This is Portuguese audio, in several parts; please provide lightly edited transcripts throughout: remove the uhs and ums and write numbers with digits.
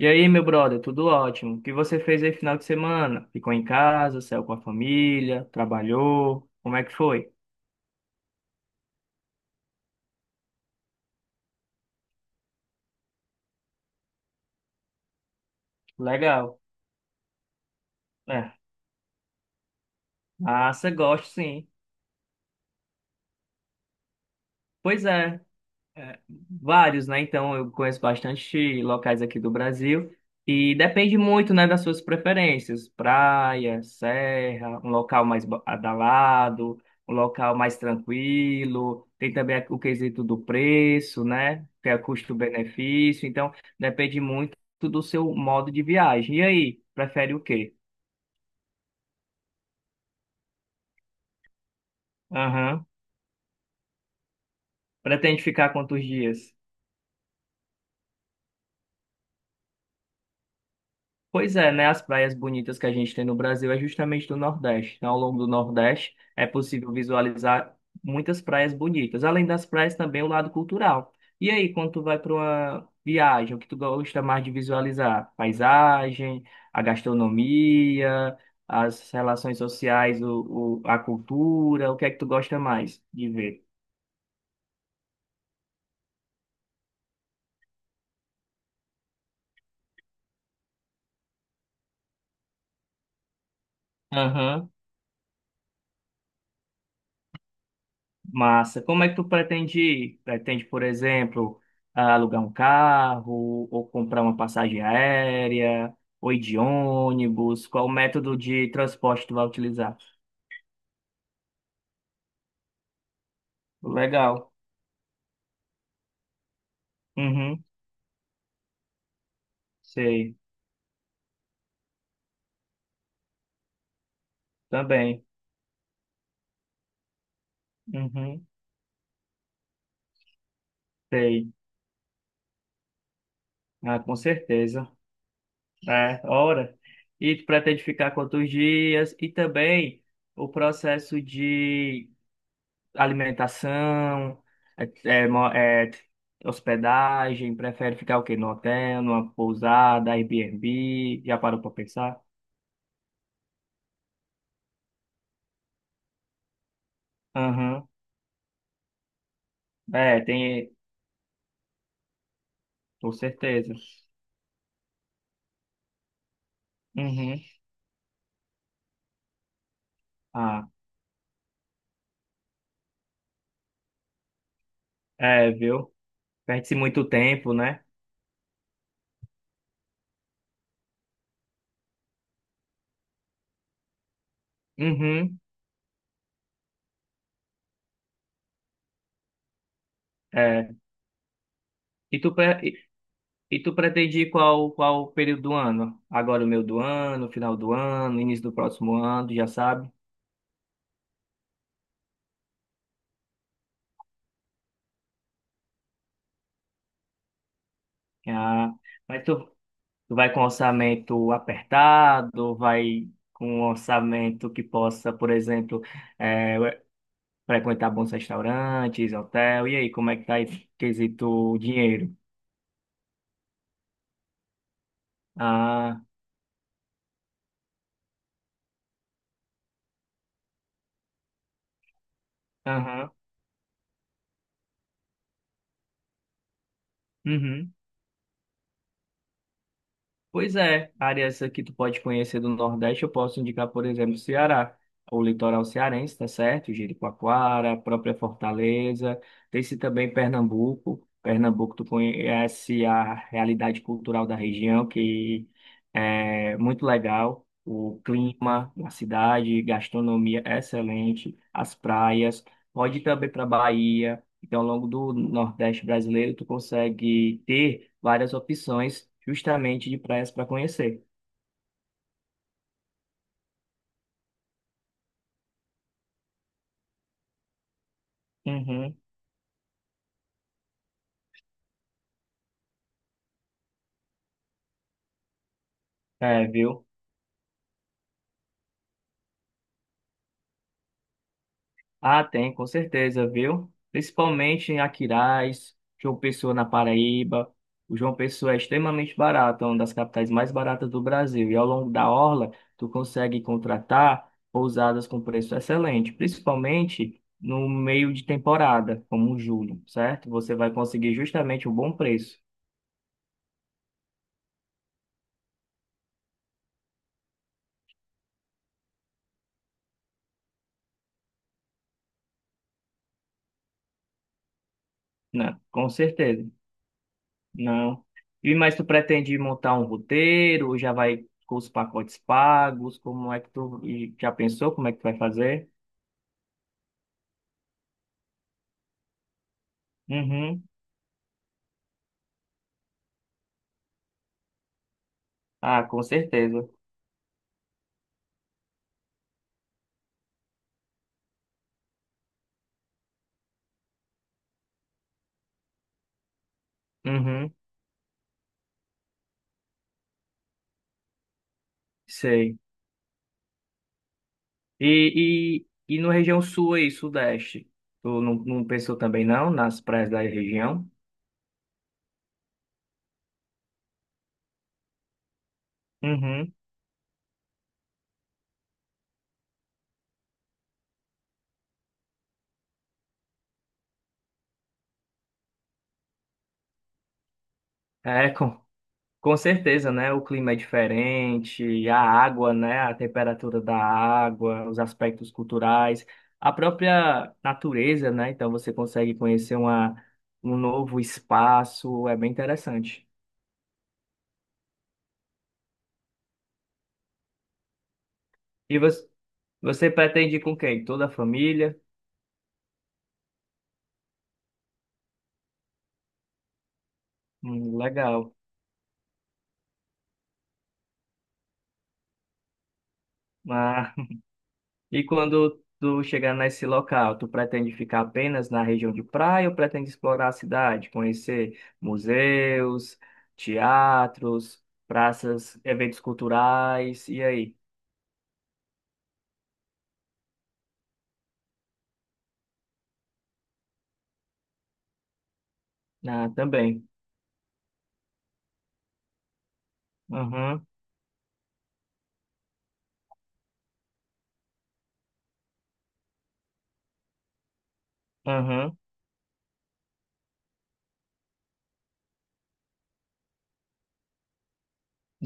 E aí, meu brother, tudo ótimo? O que você fez aí final de semana? Ficou em casa, saiu com a família, trabalhou? Como é que foi? Legal. É, massa, gosto sim. Pois é, vários, né? Então eu conheço bastante locais aqui do Brasil e depende muito, né, das suas preferências. Praia, serra, um local mais badalado, um local mais tranquilo. Tem também o quesito do preço, né? Que é custo-benefício. Então depende muito do seu modo de viagem. E aí, prefere o quê? Aham. Pretende ficar quantos dias? Pois é, né? As praias bonitas que a gente tem no Brasil é justamente do Nordeste. Então, ao longo do Nordeste é possível visualizar muitas praias bonitas. Além das praias, também o lado cultural. E aí, quando tu vai para uma viagem, o que tu gosta mais de visualizar? Paisagem, a gastronomia, as relações sociais, a cultura, o que é que tu gosta mais de ver? Aham. Massa. Como é que tu pretende ir? Pretende, por exemplo, alugar um carro, ou comprar uma passagem aérea, ou ir de ônibus? Qual método de transporte tu vai utilizar? Legal. Uhum. Sei. Também. Uhum. Sei. Ah, com certeza. É, hora. E tu pretende ficar quantos dias? E também o processo de alimentação, é, é, mo- é, hospedagem, prefere ficar o quê? No hotel, numa pousada, Airbnb? Já parou para pensar? Aham. É, tem, com certeza. Uhum. Ah, é, viu? Perde-se muito tempo, né? Uhum. É. E tu, pre- e e tu pretende ir qual, qual período do ano? Agora o meio do ano, final do ano, início do próximo ano, já sabe? Ah, mas tu, tu vai com orçamento apertado, vai com um orçamento que possa, por exemplo, eh, ué, frequentar bons restaurantes, hotel. E aí, como é que tá esse quesito dinheiro? Ah, aham, uhum. Pois é, áreas que tu pode conhecer do Nordeste, eu posso indicar, por exemplo, o Ceará, o litoral cearense, tá certo? Jericoacoara, a própria Fortaleza, tem-se também Pernambuco. Pernambuco, tu conhece a realidade cultural da região, que é muito legal. O clima, a cidade, gastronomia excelente, as praias. Pode ir também para Bahia. Então, ao longo do Nordeste brasileiro, tu consegue ter várias opções justamente de praias para conhecer. Uhum. É, viu? Ah, tem, com certeza, viu? Principalmente em Aquiraz, João Pessoa na Paraíba. O João Pessoa é extremamente barato, é uma das capitais mais baratas do Brasil. E ao longo da orla, tu consegue contratar pousadas com preço excelente, principalmente no meio de temporada, como julho, certo? Você vai conseguir justamente um bom preço. Não, com certeza. Não. E mas tu pretende montar um roteiro ou já vai com os pacotes pagos? Como é que tu e já pensou como é que tu vai fazer? Uhum. Ah, com certeza. Uhum. Sei. E no região sul e sudeste? Tu não pensou também não nas praias da região? Uhum. É, com certeza, né? O clima é diferente, a água, né? A temperatura da água, os aspectos culturais, a própria natureza, né? Então você consegue conhecer uma, um novo espaço, é bem interessante. E você, você pretende ir com quem? Toda a família? Legal. Ah, e quando tu chegar nesse local, tu pretende ficar apenas na região de praia ou pretende explorar a cidade, conhecer museus, teatros, praças, eventos culturais, e aí? Ah, também. Uhum, uhum.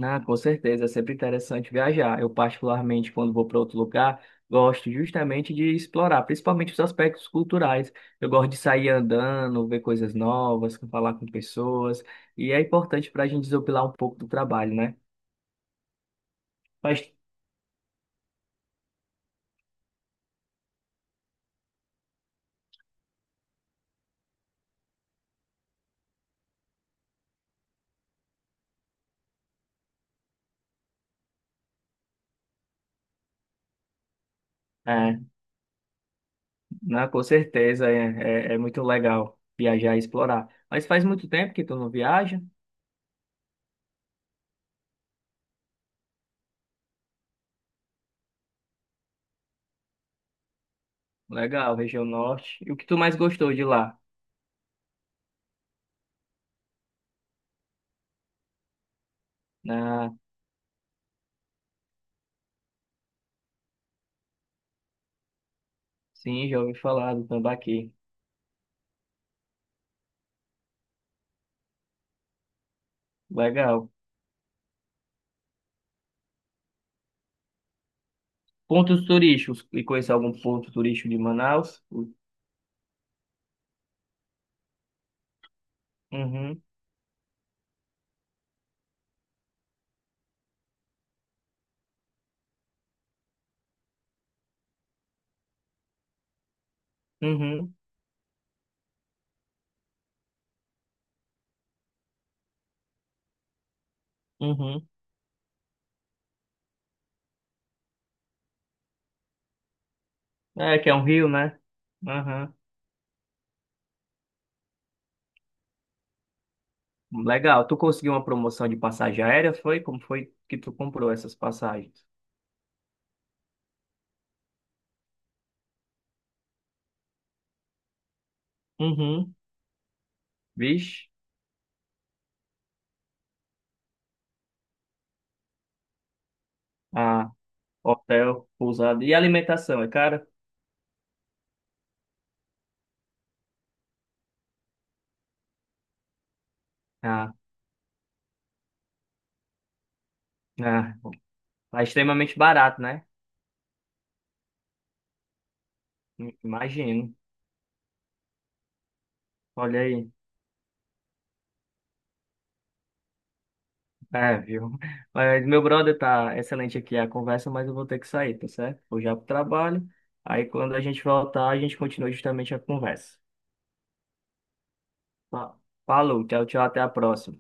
Ah, com certeza, é sempre interessante viajar. Eu, particularmente, quando vou para outro lugar, gosto justamente de explorar, principalmente os aspectos culturais. Eu gosto de sair andando, ver coisas novas, falar com pessoas, e é importante para a gente desopilar um pouco do trabalho, né? Mas, é, né, com certeza, é muito legal viajar e explorar. Mas faz muito tempo que tu não viaja? Legal, região norte. E o que tu mais gostou de lá? Ah, sim, já ouvi falar do Tambaqui. Legal. Pontos turísticos. E conhecer algum ponto turístico de Manaus? Uhum, uhum, uhum. É, que é um rio, né? Aham. Legal. Tu conseguiu uma promoção de passagem aérea? Foi? Como foi que tu comprou essas passagens? Uhum. Vixe. Ah, hotel, pousada. E alimentação, é cara? Ah, ah. Tá extremamente barato, né? Imagino. Olha aí. É, viu? Mas meu brother tá excelente aqui a conversa, mas eu vou ter que sair, tá certo? Vou já pro trabalho. Aí quando a gente voltar, a gente continua justamente a conversa. Fa- Falou, tchau, tchau, até a próxima.